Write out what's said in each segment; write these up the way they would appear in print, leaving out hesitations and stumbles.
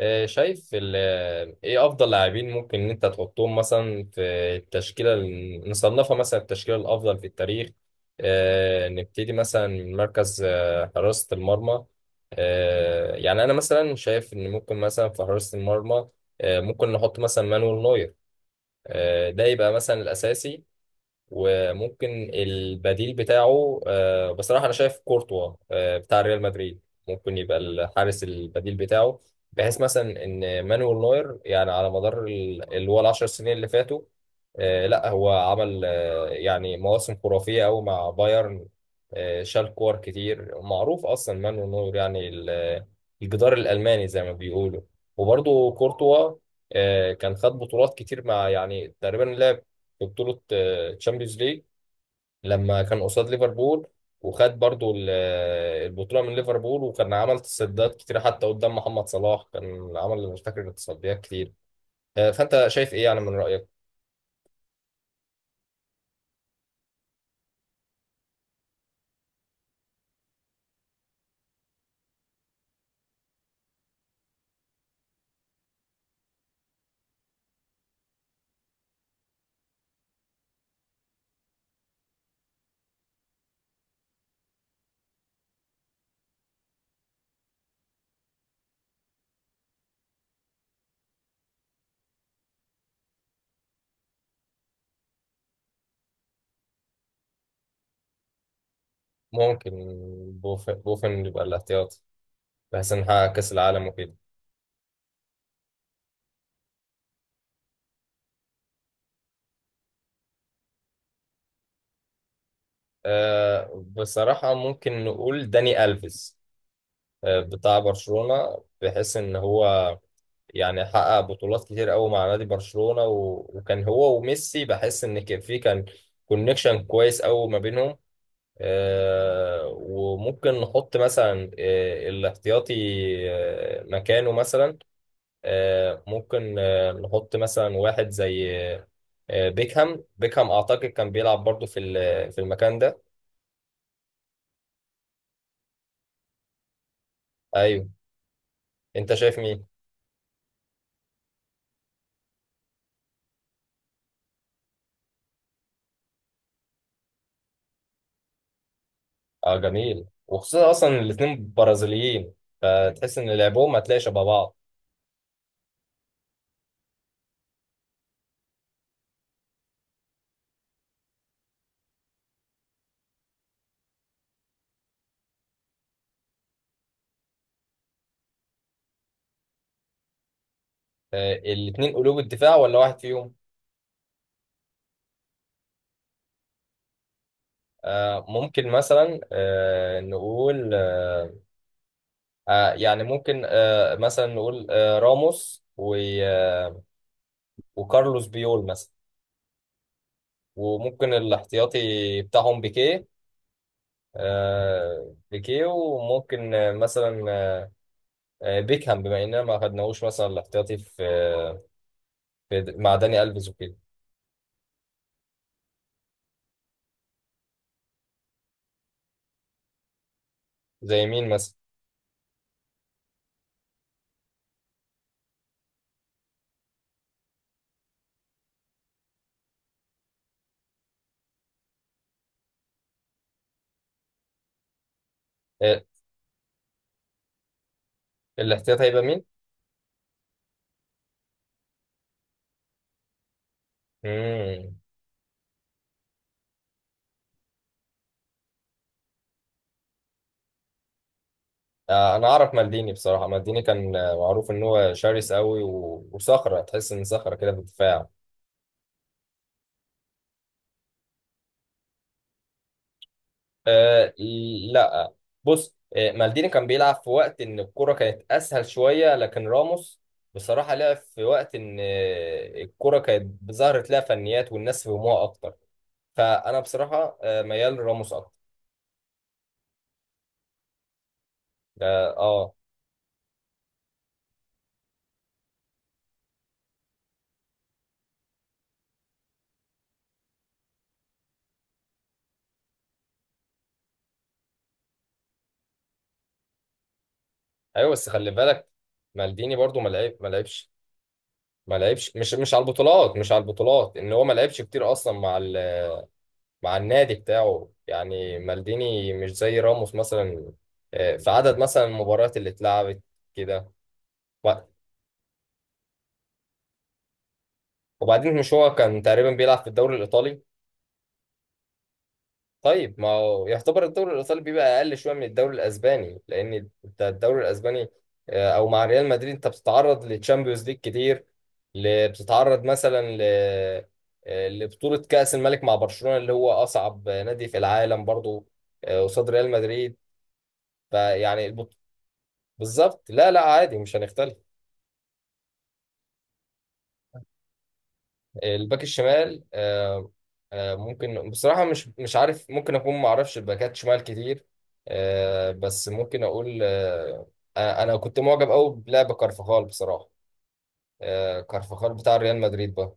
شايف ايه افضل لاعبين ممكن ان انت تحطهم مثلا في التشكيله نصنفها مثلا التشكيله الافضل في التاريخ. نبتدي مثلا من مركز حراسه المرمى. يعني انا مثلا شايف ان ممكن مثلا في حراسه المرمى، ممكن نحط مثلا مانويل نوير. ده يبقى مثلا الاساسي، وممكن البديل بتاعه. بصراحة أنا شايف كورتوا بتاع ريال مدريد ممكن يبقى الحارس البديل بتاعه، بحيث مثلا إن مانويل نوير يعني على مدار اللي هو العشر سنين اللي فاتوا. لا، هو عمل يعني مواسم خرافية أوي مع بايرن. شال كور كتير. معروف أصلا مانويل نوير يعني الجدار الألماني زي ما بيقولوا. وبرضه كورتوا كان خد بطولات كتير، مع يعني تقريبا لعب في بطولة الشامبيونز ليج لما كان قصاد ليفربول، وخد برضو البطولة من ليفربول، وكان عمل تصديات كتير حتى قدام محمد صلاح، كان عمل مش فاكر تصديات كتير. فأنت شايف إيه يعني من رأيك؟ ممكن بوفن يبقى الاحتياط، بحيث إن نحقق كأس العالم وكده. بصراحة ممكن نقول داني ألفيس بتاع برشلونة، بحيث إن هو يعني حقق بطولات كتير قوي مع نادي برشلونة، وكان هو وميسي، بحس ان في كان كونكشن كويس قوي ما بينهم. وممكن نحط مثلا الاحتياطي مكانه مثلا. ممكن نحط مثلا واحد زي بيكهام، اعتقد كان بيلعب برضو في في المكان ده. ايوه، انت شايف مين؟ اه، جميل، وخصوصا اصلا الاتنين برازيليين، فتحس ان لعبهم هتلاقي شبه بعض. الاثنين قلوب الدفاع، ولا واحد فيهم؟ ممكن مثلا نقول، يعني ممكن مثلا نقول راموس آه، وكارلوس بيول مثلا. وممكن الاحتياطي بتاعهم بيكيه. وممكن مثلا بيكهام، بما اننا ما خدناهوش مثلا الاحتياطي في مع داني الفيز وكده. زي مين مثلا؟ آه، الاحتياطي هيبقى مين؟ مم. انا اعرف مالديني، بصراحه مالديني كان معروف ان هو شرس قوي، وصخره، تحس ان صخره كده في الدفاع. أه، لا. بص، مالديني كان بيلعب في وقت ان الكره كانت اسهل شويه، لكن راموس بصراحه لعب في وقت ان الكره كانت ظهرت لها فنيات والناس فهموها اكتر، فانا بصراحه ميال لراموس اكتر. اه، آه. ايوه، بس خلي بالك، مالديني برضو ما لعبش مش على البطولات، ان هو ما لعبش كتير اصلا مع مع النادي بتاعه، يعني مالديني مش زي راموس مثلا في عدد مثلا المباريات اللي اتلعبت كده. وب- وبعدين مش هو كان تقريبا بيلعب في الدوري الإيطالي؟ طيب، ما هو يعتبر الدوري الإيطالي بيبقى أقل شوية من الدوري الأسباني، لأن انت الدوري الأسباني أو مع ريال مدريد أنت بتتعرض للتشامبيونز ليج كتير، بتتعرض مثلا ل آه، لبطولة كأس الملك مع برشلونة اللي هو أصعب نادي في العالم برضه، قصاد ريال مدريد. فيعني، بالظبط. لا لا، عادي، مش هنختلف. الباك الشمال. ممكن بصراحة، مش عارف، ممكن أكون ما أعرفش الباكات شمال كتير. بس ممكن أقول، أنا كنت معجب أوي بلعب كارفاخال بصراحة. كارفاخال بتاع ريال مدريد بقى.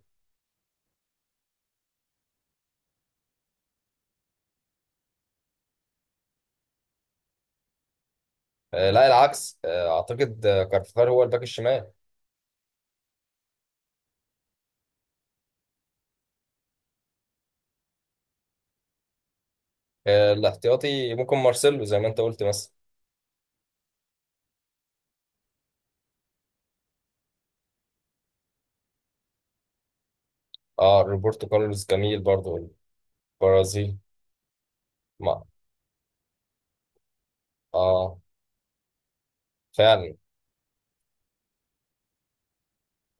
لا، العكس. أعتقد كارفاخال هو الباك الشمال. الاحتياطي ممكن مارسيلو زي ما أنت قلت مثلا. أه، روبرتو كارلوس جميل برضو. البرازيل. ما، أه، فعلا.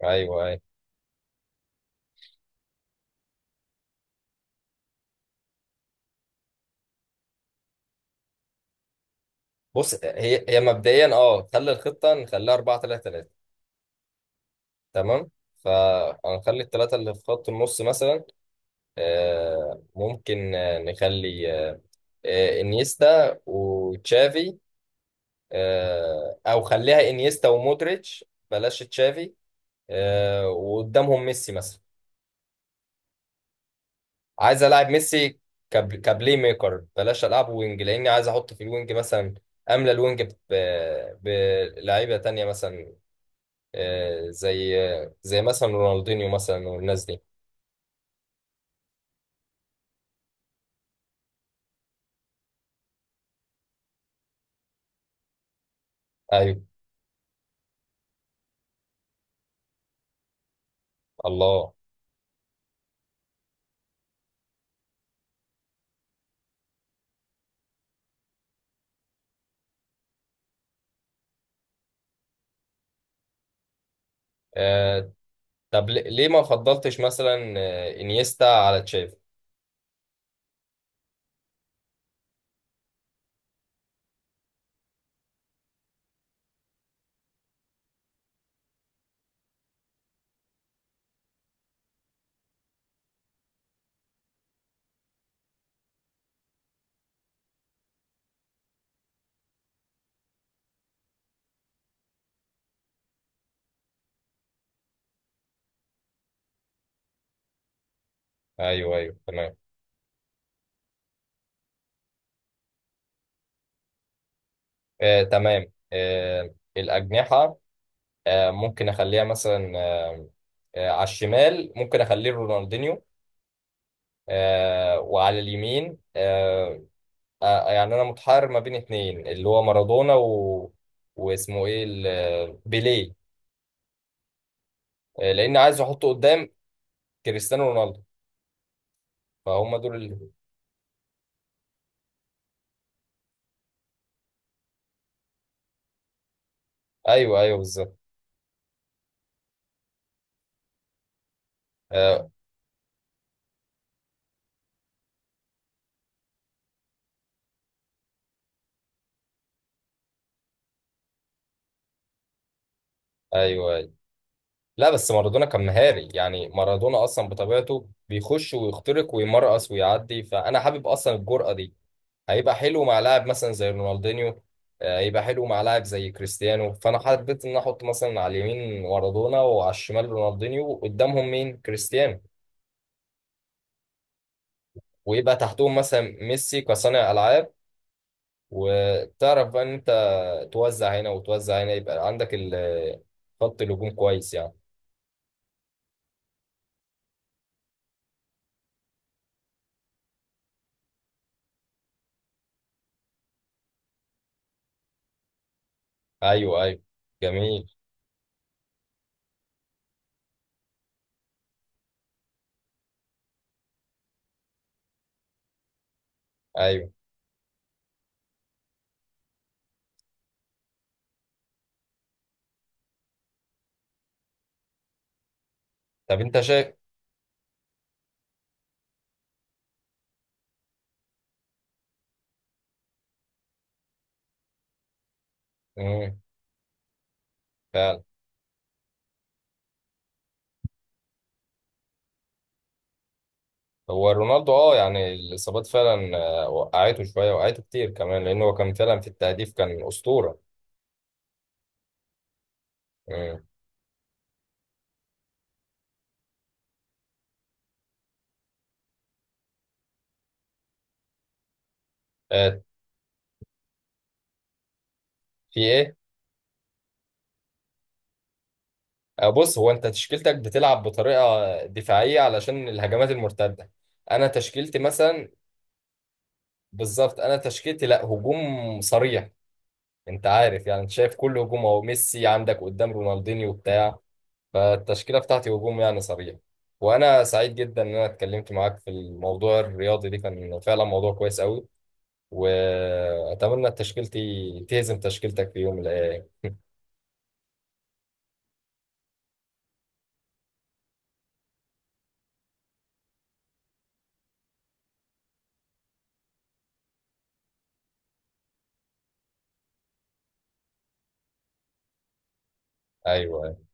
أيوه أيوه. بص، هي مبدئيا اه، خلي الخطه نخليها 4 3 3. تمام. فهنخلي الثلاثه اللي في خط النص مثلا ممكن نخلي انيستا وتشافي. او خليها انيستا ومودريتش، بلاش تشافي. وقدامهم ميسي مثلا. عايز العب ميسي كبلاي ميكر، بلاش العبه وينج لاني عايز احط في الوينج مثلا، املى الوينج بلعيبه تانية مثلا. آه، زي زي مثلا رونالدينيو مثلا والناس دي. ايوه. الله. آه، طب، ليه ما فضلتش مثلا انيستا على تشافي؟ ايوه ايوه، تمام. تمام. الاجنحه، ممكن اخليها مثلا على الشمال ممكن اخليه رونالدينيو. وعلى اليمين يعني انا متحير ما بين اتنين، اللي هو مارادونا واسمه ايه، بيليه. لان عايز احطه قدام كريستيانو رونالدو. فهم دول اللي... ايوه ايوه، بالظبط. آه، ايوه ايوه. لا، بس مارادونا كان مهاري، يعني مارادونا اصلا بطبيعته بيخش ويخترق ويمرقص ويعدي، فانا حابب اصلا الجرأة دي. هيبقى حلو مع لاعب مثلا زي رونالدينيو. هيبقى حلو مع لاعب زي كريستيانو، فانا حبيت ان احط مثلا على اليمين مارادونا وعلى الشمال رونالدينيو، وقدامهم مين؟ كريستيانو. ويبقى تحتهم مثلا ميسي كصانع العاب. وتعرف بقى ان انت توزع هنا وتوزع هنا، يبقى عندك خط الهجوم كويس يعني. ايوه ايوه، جميل. ايوه. طب، انت شايف؟ امم فعلا. هو رونالدو اه، يعني الاصابات فعلا وقعته شويه، وقعته كتير كمان، لان هو كان فعلا في التهديف كان اسطوره. امم آه، في ايه؟ بص، هو انت تشكيلتك بتلعب بطريقه دفاعيه علشان الهجمات المرتده، انا تشكيلتي مثلا بالظبط، انا تشكيلتي لا، هجوم صريح. انت عارف، يعني انت شايف كل هجوم اهو، ميسي عندك قدام، رونالدينيو بتاع، فالتشكيلة بتاعتي هجوم يعني صريح. وأنا سعيد جدا إن أنا اتكلمت معاك في الموضوع الرياضي ده، كان فعلا موضوع كويس قوي، وأتمنى تشكيلتي تهزم تشكيلتك في يوم من الأيام. أيوه.